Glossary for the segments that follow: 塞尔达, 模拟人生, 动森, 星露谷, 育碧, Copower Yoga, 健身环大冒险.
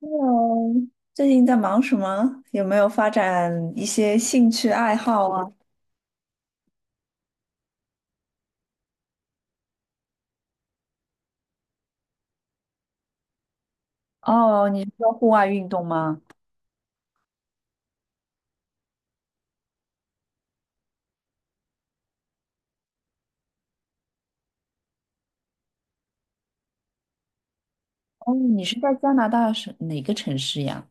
Hello，最近在忙什么？有没有发展一些兴趣爱好啊？哦，你是说户外运动吗？哦，你是在加拿大是哪个城市呀？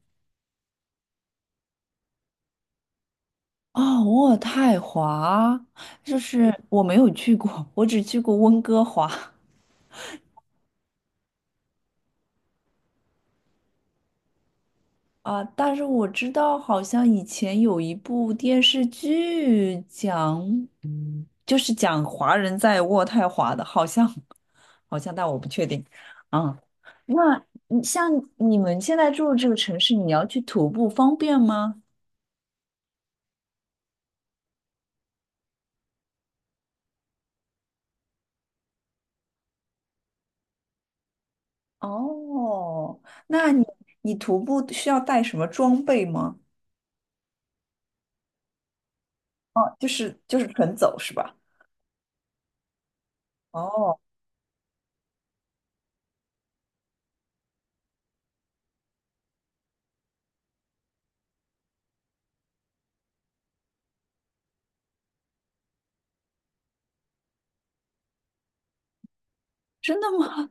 哦，渥太华，就是我没有去过，我只去过温哥华。啊，但是我知道，好像以前有一部电视剧讲，就是讲华人在渥太华的，好像，好像，但我不确定。啊，那你像你们现在住的这个城市，你要去徒步方便吗？哦，那你徒步需要带什么装备吗？哦，就是纯走是吧？哦，真的吗？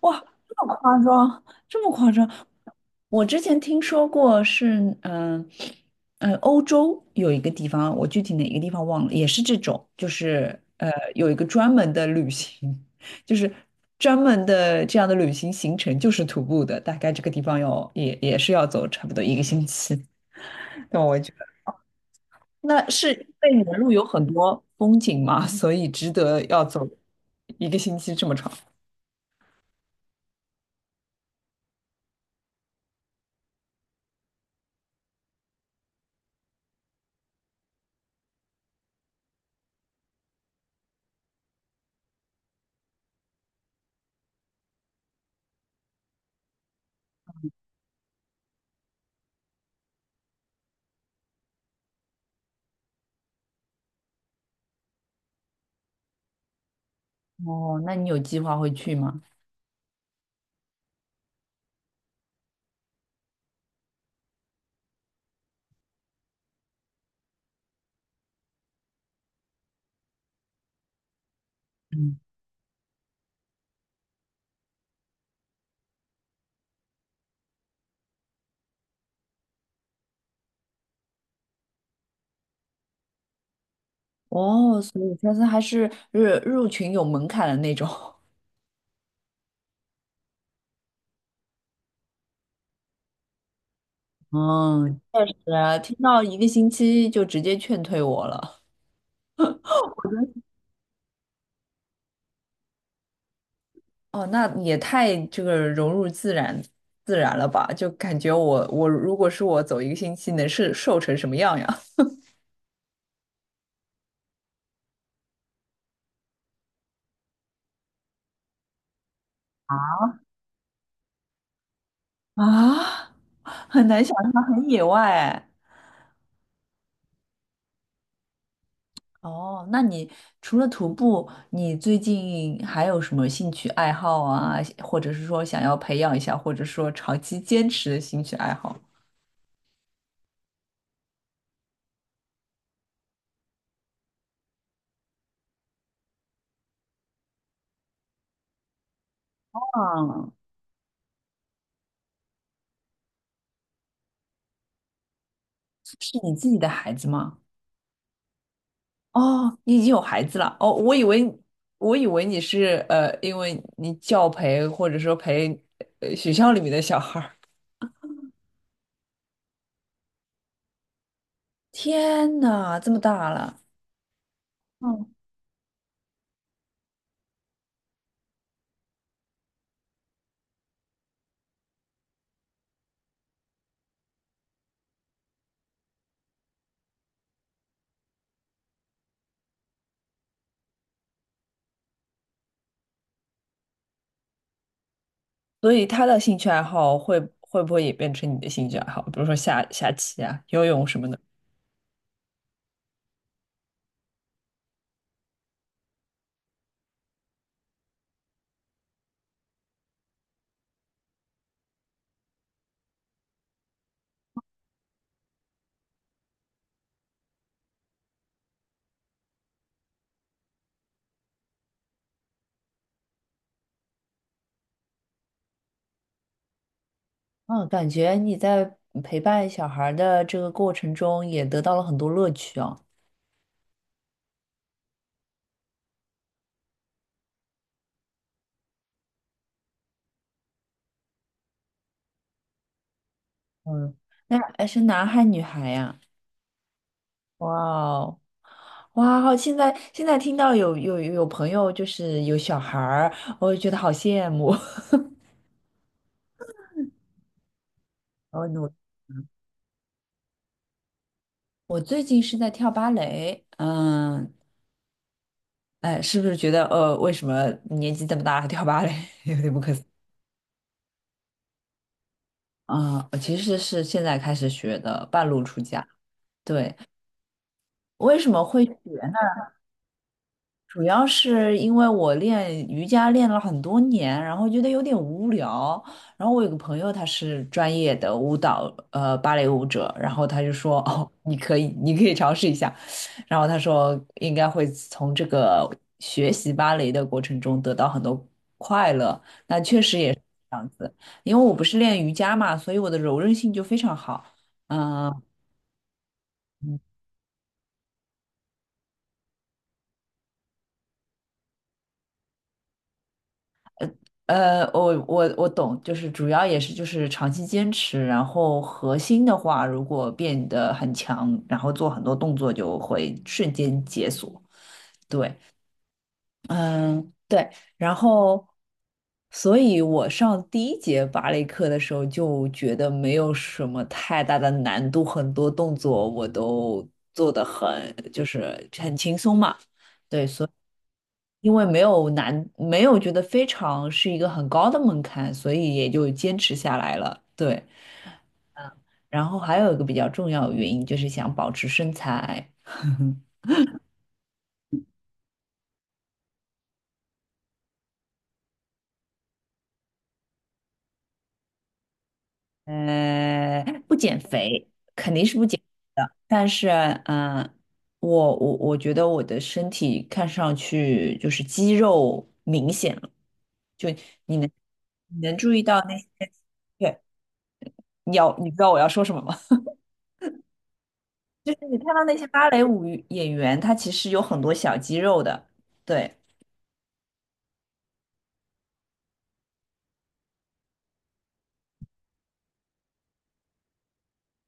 哇，这么夸张，这么夸张！我之前听说过是，欧洲有一个地方，我具体哪个地方忘了，也是这种，就是有一个专门的旅行，就是专门的这样的旅行行程，就是徒步的，大概这个地方要也是要走差不多一个星期。那我觉得，那是因为你的路有很多风景嘛，所以值得要走一个星期这么长。哦，那你有计划会去吗？嗯，哦，所以它是还是入群有门槛的那种。嗯，对啊，听到一个星期就直接劝退我了。哦，那也太这个融入自然了吧？就感觉我如果是我走一个星期，能是瘦成什么样呀？啊，很难想象，很野外哎。哦，那你除了徒步，你最近还有什么兴趣爱好啊？或者是说想要培养一下，或者说长期坚持的兴趣爱好？嗯，是你自己的孩子吗？哦，你已经有孩子了。哦，我以为你是因为你教培或者说陪学校里面的小孩儿。天呐，这么大了。嗯，所以他的兴趣爱好会不会也变成你的兴趣爱好？比如说下棋啊、游泳什么的。嗯，感觉你在陪伴小孩儿的这个过程中也得到了很多乐趣哦。嗯，那哎是男孩女孩呀？哇哦，哇哦！现在听到有朋友就是有小孩儿，我就觉得好羡慕。我努，我最近是在跳芭蕾，嗯，哎，是不是觉得为什么年纪这么大还跳芭蕾，有点不可思议啊？我其实是现在开始学的，半路出家。对，为什么会选？主要是因为我练瑜伽练了很多年，然后觉得有点无聊。然后我有个朋友，他是专业的舞蹈，芭蕾舞者，然后他就说：“哦，你可以，你可以尝试一下。”然后他说应该会从这个学习芭蕾的过程中得到很多快乐。那确实也是，因为我不是练瑜伽嘛，所以我的柔韧性就非常好。嗯、我懂，就是主要也是就是长期坚持，然后核心的话，如果变得很强，然后做很多动作就会瞬间解锁。对，嗯，对，然后，所以我上第一节芭蕾课的时候就觉得没有什么太大的难度，很多动作我都做得很，就是很轻松嘛。因为没有难，没有觉得非常是一个很高的门槛，所以也就坚持下来了。对，然后还有一个比较重要的原因就是想保持身材，不减肥肯定是不减肥的，但是，嗯、我觉得我的身体看上去就是肌肉明显了，就你能你能注意到那些，对，你知道我要说什么吗？就是你看到那些芭蕾舞演员，他其实有很多小肌肉的。对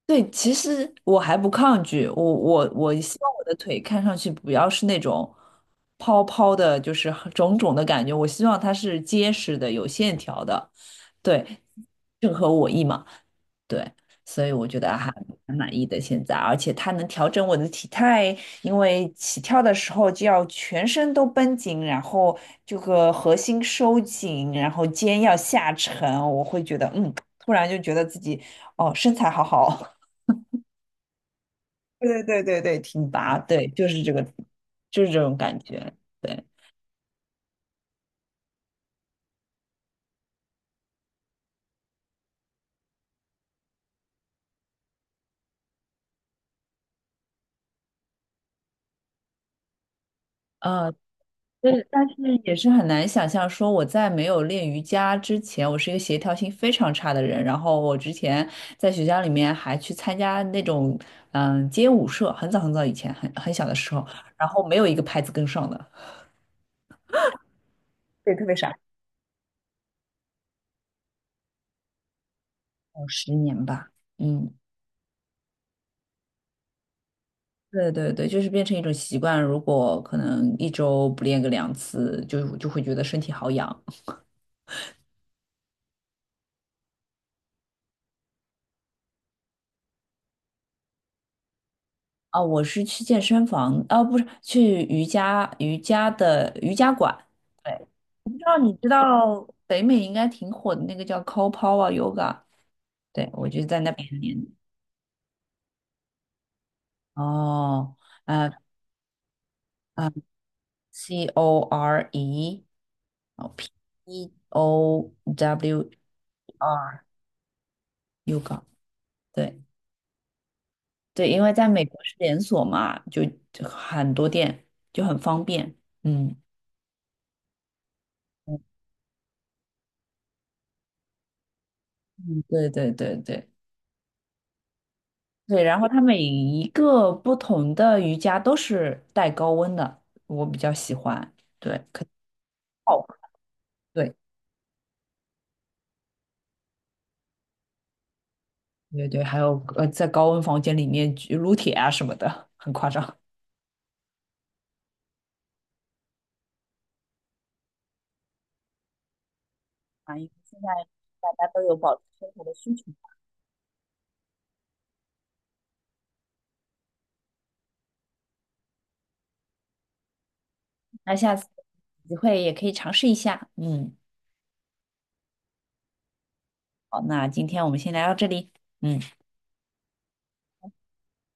对，其实我还不抗拒，我希望我的腿看上去不要是那种泡泡的，就是很肿肿的感觉，我希望它是结实的、有线条的，对，正合我意嘛。对，所以我觉得还蛮满意的现在，而且它能调整我的体态，因为起跳的时候就要全身都绷紧，然后这个核心收紧，然后肩要下沉，我会觉得突然就觉得自己哦身材好好，对对对对对，挺拔，对，就是这个，就是这种感觉，对。呃对，但是也是很难想象，说我在没有练瑜伽之前，我是一个协调性非常差的人。然后我之前在学校里面还去参加那种街舞社，很早很早以前，很小的时候，然后没有一个拍子跟上的，对，特别傻。有10年吧。嗯，对对对，就是变成一种习惯。如果可能一周不练个2次，就会觉得身体好痒啊。我是去健身房，啊，不是去瑜伽的瑜伽馆。对。不知道你知道北美应该挺火的那个叫 Copower Yoga，对，我就在那边练。哦，呃呃，CORE，哦，PEOWER Yoga，对对，因为在美国是连锁嘛，就很多店就很方便。嗯嗯，嗯对对对对对，然后它每一个不同的瑜伽都是带高温的，我比较喜欢。对，可以泡。对。对对，还有在高温房间里面举撸铁啊什么的，很夸张。啊，因为现在大家都有保持生活的需求，那下次有机会也可以尝试一下。嗯，好，那今天我们先聊到这里。嗯。